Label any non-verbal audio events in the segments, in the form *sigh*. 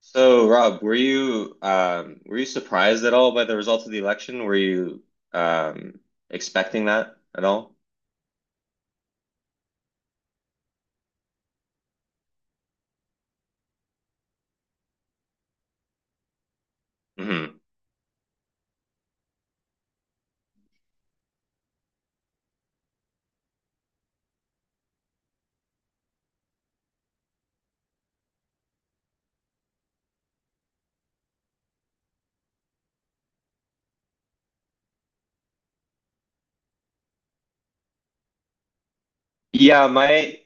So, Rob, were you surprised at all by the result of the election? Were you um, Expecting that at all? Hmm. Yeah, my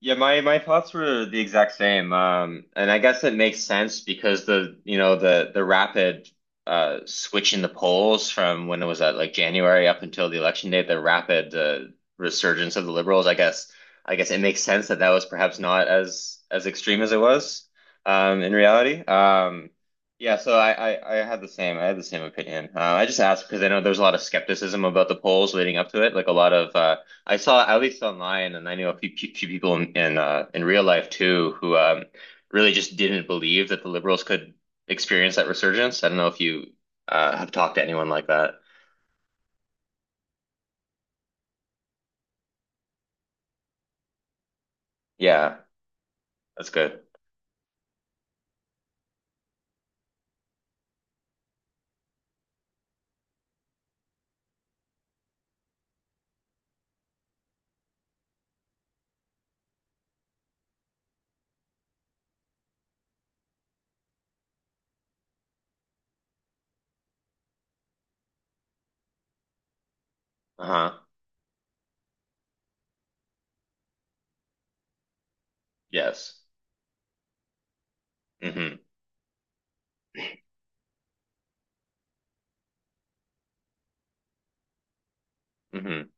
Yeah, my thoughts were the exact same. And I guess it makes sense because the rapid switch in the polls from when it was at like January up until the election day, the rapid resurgence of the liberals. I guess it makes sense that that was perhaps not as as extreme as it was in reality. Yeah, so I had the same I had the same opinion. I just asked because I know there's a lot of skepticism about the polls leading up to it, like a lot of. I saw at least online, and I knew a few people in real life too who really just didn't believe that the liberals could experience that resurgence. I don't know if you have talked to anyone like that. Yeah, that's good. Uh-huh. Yes. Mm-hmm. Mm-hmm.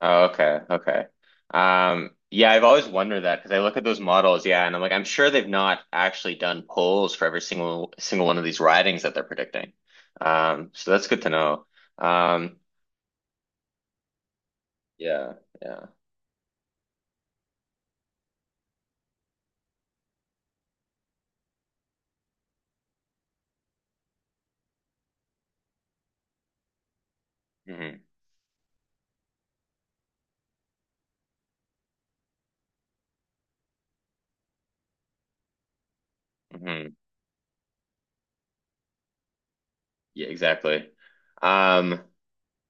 Oh, okay. Okay. Yeah, I've always wondered that because I look at those models, yeah, and I'm like, I'm sure they've not actually done polls for every single one of these ridings that they're predicting. So that's good to know. Um, yeah, yeah. Mhm. Hmm. Yeah, exactly. Um,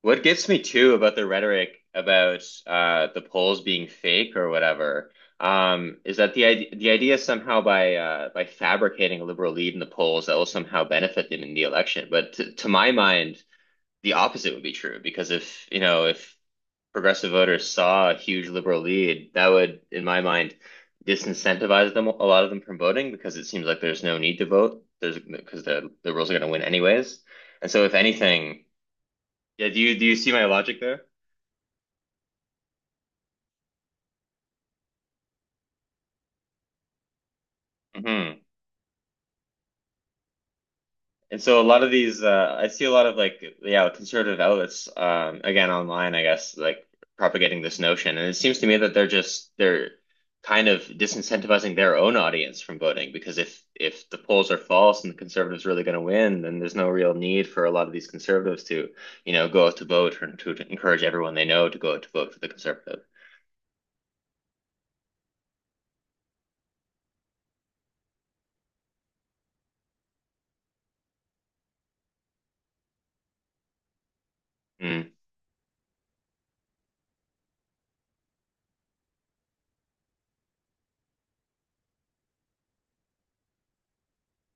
what gets me too about the rhetoric about the polls being fake or whatever, is that the idea somehow by fabricating a liberal lead in the polls that will somehow benefit them in the election. But to my mind, the opposite would be true because if you know if progressive voters saw a huge liberal lead, that would, in my mind, disincentivize them, a lot of them, from voting because it seems like there's no need to vote. There's because the liberals are going to win anyways. And so, if anything, yeah, do you see my logic there? Hmm. And so a lot of these, I see a lot of like, yeah, conservative outlets, again, online, I guess, like propagating this notion. And it seems to me that they're kind of disincentivizing their own audience from voting because if the polls are false and the conservatives really going to win, then there's no real need for a lot of these conservatives to, you know, go out to vote or to encourage everyone they know to go out to vote for the conservative. Mm.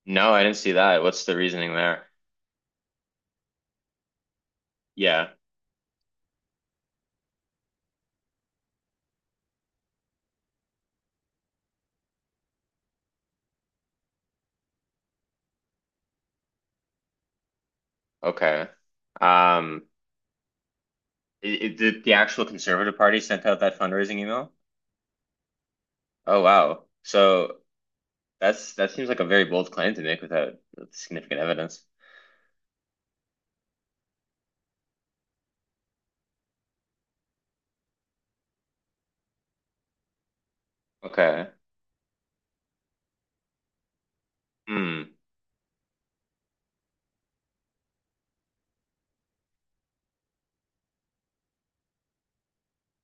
No, I didn't see that. What's the reasoning there? Yeah. Okay. Um, did the actual Conservative Party sent out that fundraising email? Oh wow. So that's that seems like a very bold claim to make without significant evidence. Okay. Hmm.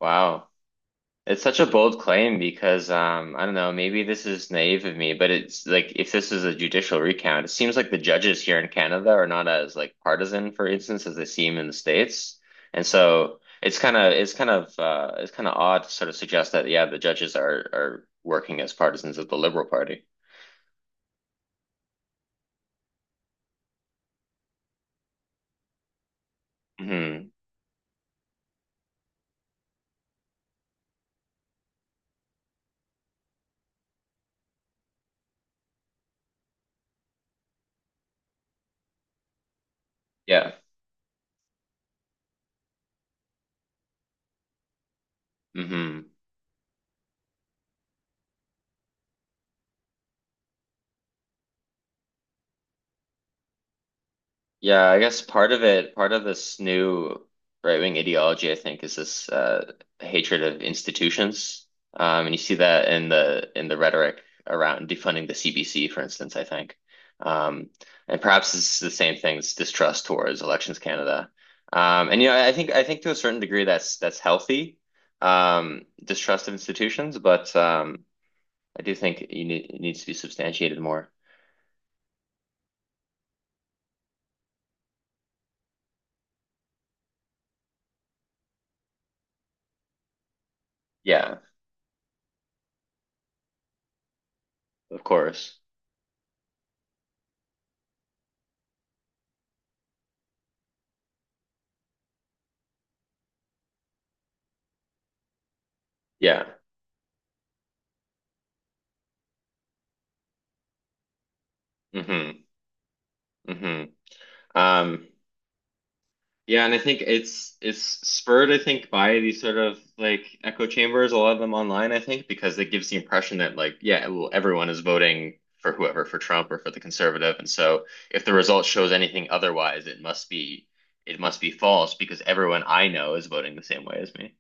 Wow. It's such a bold claim because I don't know, maybe this is naive of me, but it's like if this is a judicial recount, it seems like the judges here in Canada are not as like partisan, for instance, as they seem in the States. And so it's it's kind of odd to sort of suggest that yeah, the judges are working as partisans of the Liberal Party. Hmm. Yeah. Hmm. Yeah, I guess part of it, part of this new right-wing ideology, I think, is this hatred of institutions. And you see that in the rhetoric around defunding the CBC, for instance, I think. Um, and perhaps it's the same thing, this distrust towards Elections Canada. And you know, I think to a certain degree that's healthy, distrust of institutions, but I do think you need, it needs to be substantiated more. Yeah. Of course. Yeah. Mm-hmm. Mm-hmm. Um, yeah, and I think it's spurred, I think, by these sort of like echo chambers, a lot of them online, I think, because it gives the impression that like, yeah, well, everyone is voting for whoever, for Trump or for the conservative. And so if the result shows anything otherwise, it must be false because everyone I know is voting the same way as me.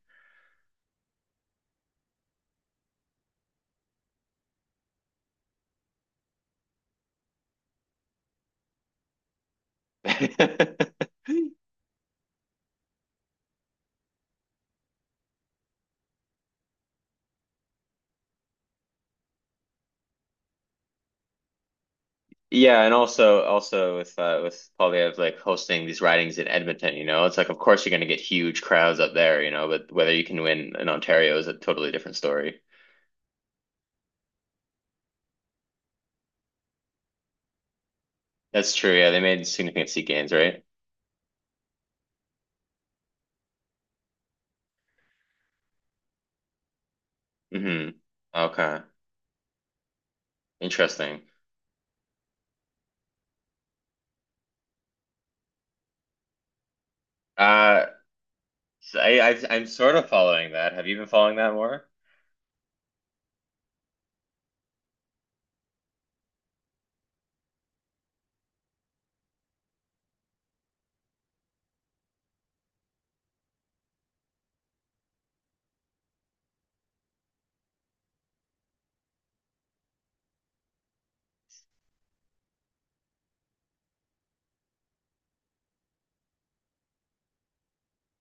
*laughs* Yeah, and also with Paulie of like hosting these ridings in Edmonton, you know, it's like of course you're going to get huge crowds up there, you know, but whether you can win in Ontario is a totally different story. That's true. Yeah, they made significant seat gains, right? Hmm. Okay, interesting. Uh, so I'm sort of following that. Have you been following that more?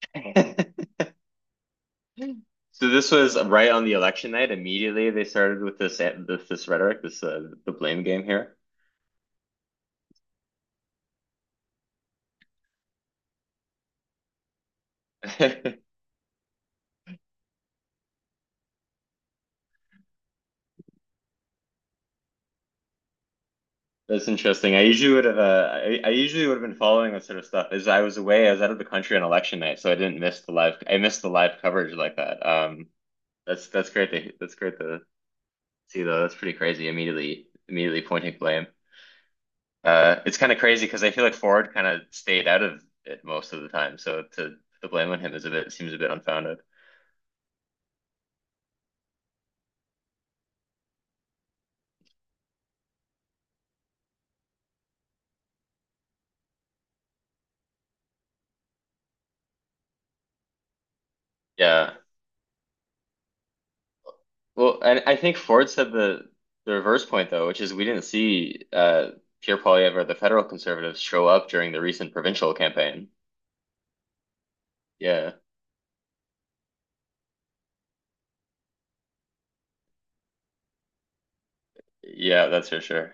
*laughs* So this was right on the election night. Immediately they started with this rhetoric, this the blame game here. *laughs* That's interesting. I usually would have I usually would have been following that sort of stuff. As I was away, I was out of the country on election night, so I didn't miss the live I missed the live coverage like that. That's that's great to see though. That's pretty crazy. Immediately pointing blame. It's kind of crazy because I feel like Ford kind of stayed out of it most of the time. So to put the blame on him is a bit seems a bit unfounded. Yeah. Well, and I think Ford said the reverse point though, which is we didn't see Pierre Poilievre or the federal conservatives show up during the recent provincial campaign. Yeah. Yeah, that's for sure.